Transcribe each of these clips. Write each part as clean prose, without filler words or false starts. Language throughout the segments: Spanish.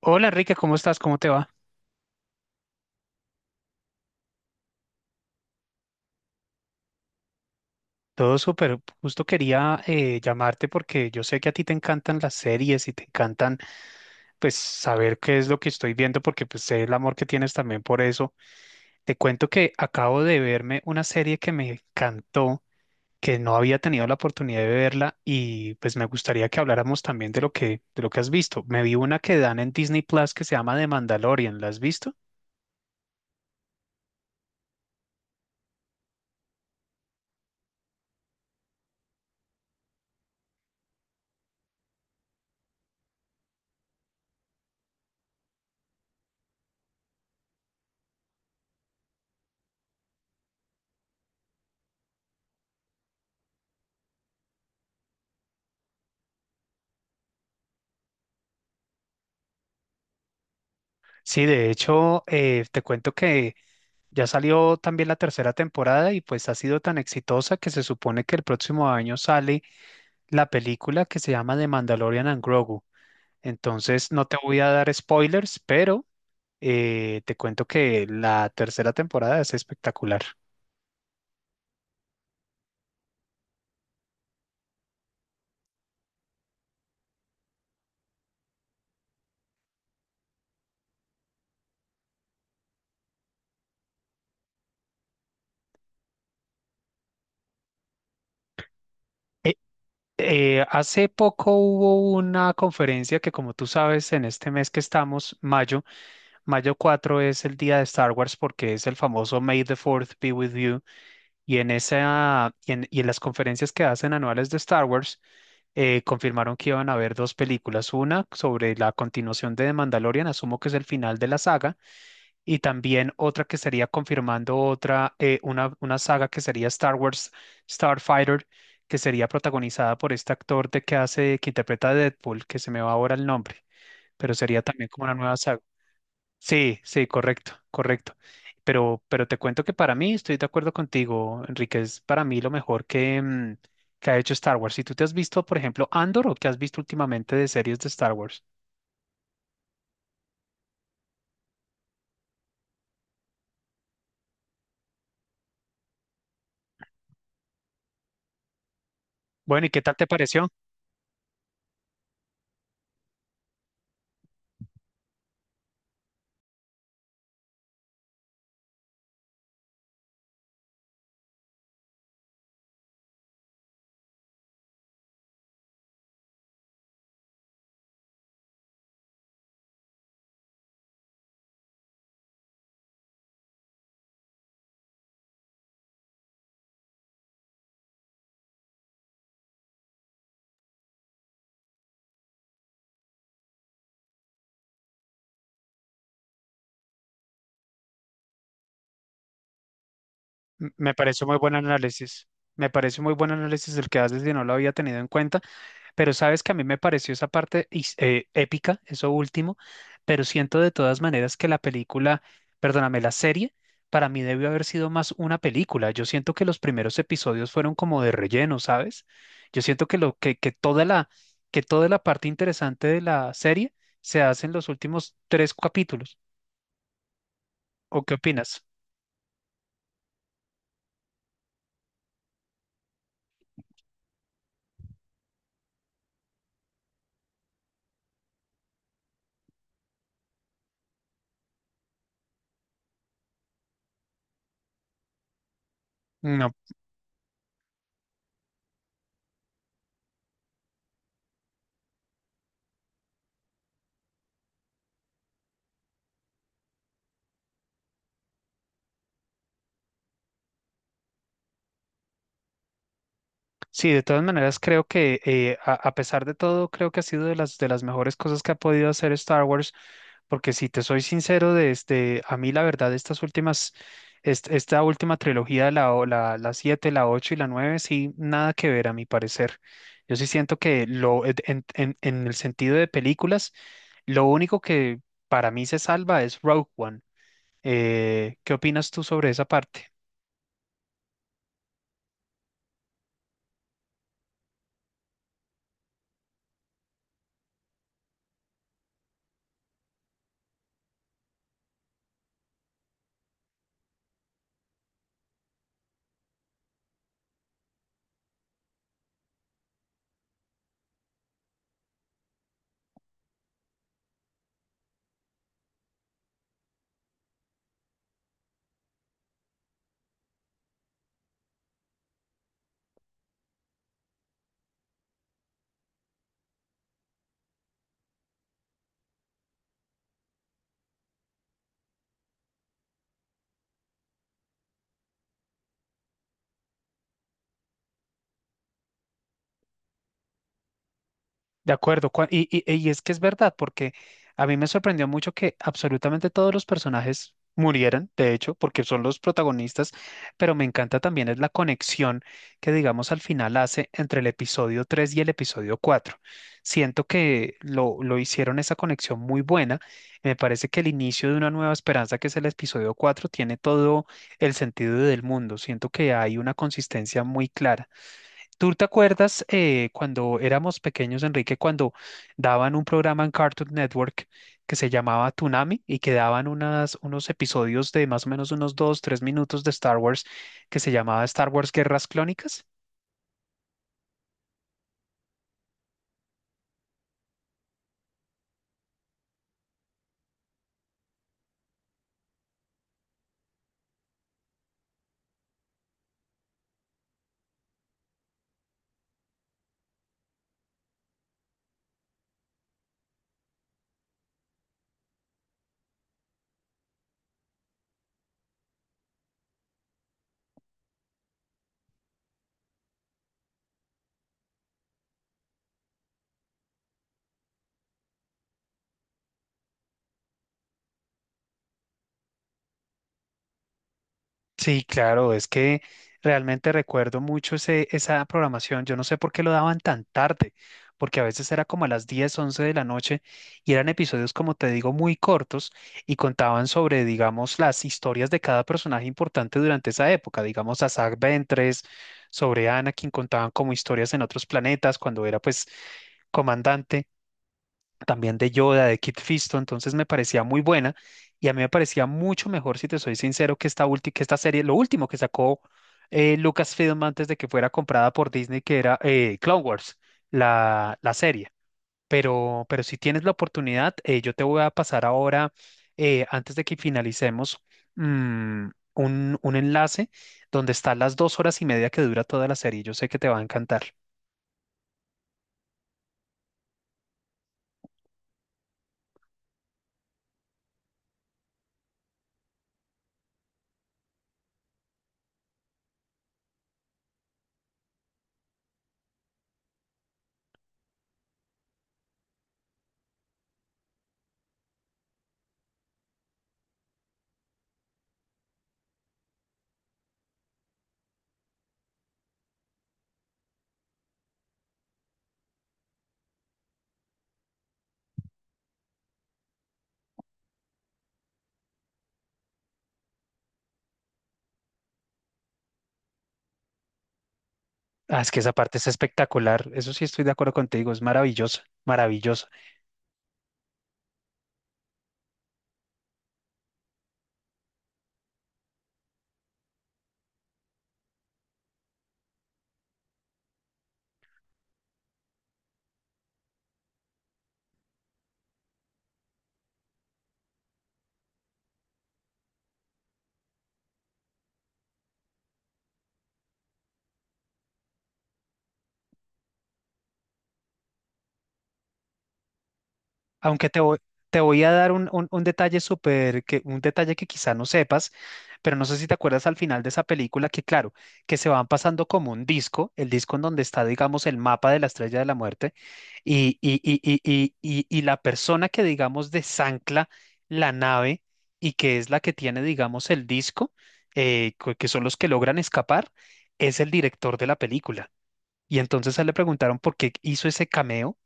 Hola Enrique, ¿cómo estás? ¿Cómo te va? Todo súper. Justo quería llamarte porque yo sé que a ti te encantan las series y te encantan pues saber qué es lo que estoy viendo porque pues sé el amor que tienes también por eso. Te cuento que acabo de verme una serie que me encantó, que no había tenido la oportunidad de verla y pues me gustaría que habláramos también de lo que has visto. Me vi una que dan en Disney Plus que se llama The Mandalorian. ¿La has visto? Sí, de hecho, te cuento que ya salió también la tercera temporada y pues ha sido tan exitosa que se supone que el próximo año sale la película que se llama The Mandalorian and Grogu. Entonces no te voy a dar spoilers, pero te cuento que la tercera temporada es espectacular. Eh, Hace poco hubo una conferencia que, como tú sabes, en este mes que estamos, mayo, mayo 4 es el día de Star Wars porque es el famoso May the Fourth be with you. Y en esa, y en las conferencias que hacen anuales de Star Wars, confirmaron que iban a haber dos películas, una sobre la continuación de The Mandalorian, asumo que es el final de la saga, y también otra que sería confirmando otra, una saga que sería Star Wars Starfighter, que sería protagonizada por este actor de que hace, que interpreta a Deadpool, que se me va ahora el nombre, pero sería también como una nueva saga. Sí, sí, correcto, correcto. Pero te cuento que para mí, estoy de acuerdo contigo, Enrique, es para mí lo mejor que ha hecho Star Wars. Si tú te has visto, por ejemplo, Andor o que has visto últimamente de series de Star Wars. Bueno, ¿y qué tal te pareció? Me pareció muy buen análisis. Me parece muy buen análisis el que haces y no lo había tenido en cuenta. Pero sabes que a mí me pareció esa parte épica, eso último, pero siento de todas maneras que la película, perdóname, la serie, para mí debió haber sido más una película. Yo siento que los primeros episodios fueron como de relleno, ¿sabes? Yo siento que lo que toda la parte interesante de la serie se hace en los últimos tres capítulos. ¿O qué opinas? No, sí, de todas maneras creo que a pesar de todo, creo que ha sido de las mejores cosas que ha podido hacer Star Wars, porque si te soy sincero, desde a mí la verdad, estas últimas, esta última trilogía, la 7 la 8 y la 9 sí, nada que ver a mi parecer. Yo sí siento que lo, en el sentido de películas, lo único que para mí se salva es Rogue One. ¿Qué opinas tú sobre esa parte? De acuerdo, y es que es verdad, porque a mí me sorprendió mucho que absolutamente todos los personajes murieran, de hecho, porque son los protagonistas, pero me encanta también es la conexión que, digamos, al final hace entre el episodio 3 y el episodio cuatro. Siento que lo hicieron esa conexión muy buena. Me parece que el inicio de una nueva esperanza, que es el episodio cuatro, tiene todo el sentido del mundo. Siento que hay una consistencia muy clara. ¿Tú te acuerdas cuando éramos pequeños, Enrique, cuando daban un programa en Cartoon Network que se llamaba Toonami y que daban unos episodios de más o menos unos 2, 3 minutos de Star Wars que se llamaba Star Wars Guerras Clónicas? Sí, claro, es que realmente recuerdo mucho esa programación. Yo no sé por qué lo daban tan tarde, porque a veces era como a las 10 11 de la noche y eran episodios, como te digo, muy cortos y contaban sobre, digamos, las historias de cada personaje importante durante esa época. Digamos, a Zack Ventress, sobre Anakin, contaban como historias en otros planetas cuando era pues comandante, también de Yoda, de Kit Fisto. Entonces me parecía muy buena y a mí me parecía mucho mejor, si te soy sincero, que esta serie, lo último que sacó Lucasfilm antes de que fuera comprada por Disney, que era Clone Wars, la serie. Pero si tienes la oportunidad, yo te voy a pasar ahora, antes de que finalicemos, mm, un enlace donde están las 2 horas y media que dura toda la serie. Yo sé que te va a encantar. Ah, es que esa parte es espectacular. Eso sí estoy de acuerdo contigo. Es maravillosa, maravillosa. Aunque te voy a dar un detalle que quizá no sepas, pero no sé si te acuerdas al final de esa película que, claro, que se van pasando como un disco, el disco en donde está, digamos, el mapa de la Estrella de la Muerte y la persona que, digamos, desancla la nave y que es la que tiene, digamos, el disco, que son los que logran escapar, es el director de la película. Y entonces a él le preguntaron por qué hizo ese cameo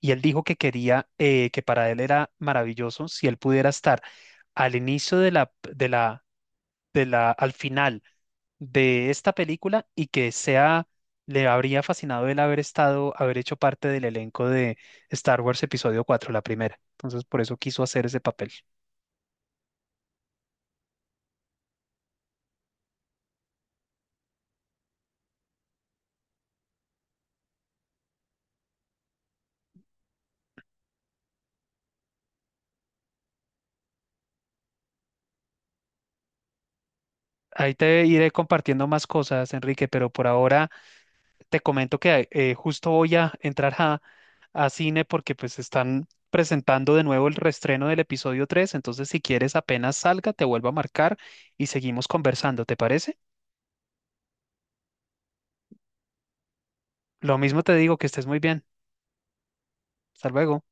y él dijo que quería, que para él era maravilloso si él pudiera estar al inicio de la, de la, de la, al final de esta película y que sea, le habría fascinado el haber estado, haber hecho parte del elenco de Star Wars Episodio cuatro, la primera. Entonces por eso quiso hacer ese papel. Ahí te iré compartiendo más cosas, Enrique, pero por ahora te comento que justo voy a entrar a cine porque pues están presentando de nuevo el reestreno del episodio 3. Entonces si quieres apenas salga, te vuelvo a marcar y seguimos conversando, ¿te parece? Lo mismo te digo, que estés muy bien. Hasta luego.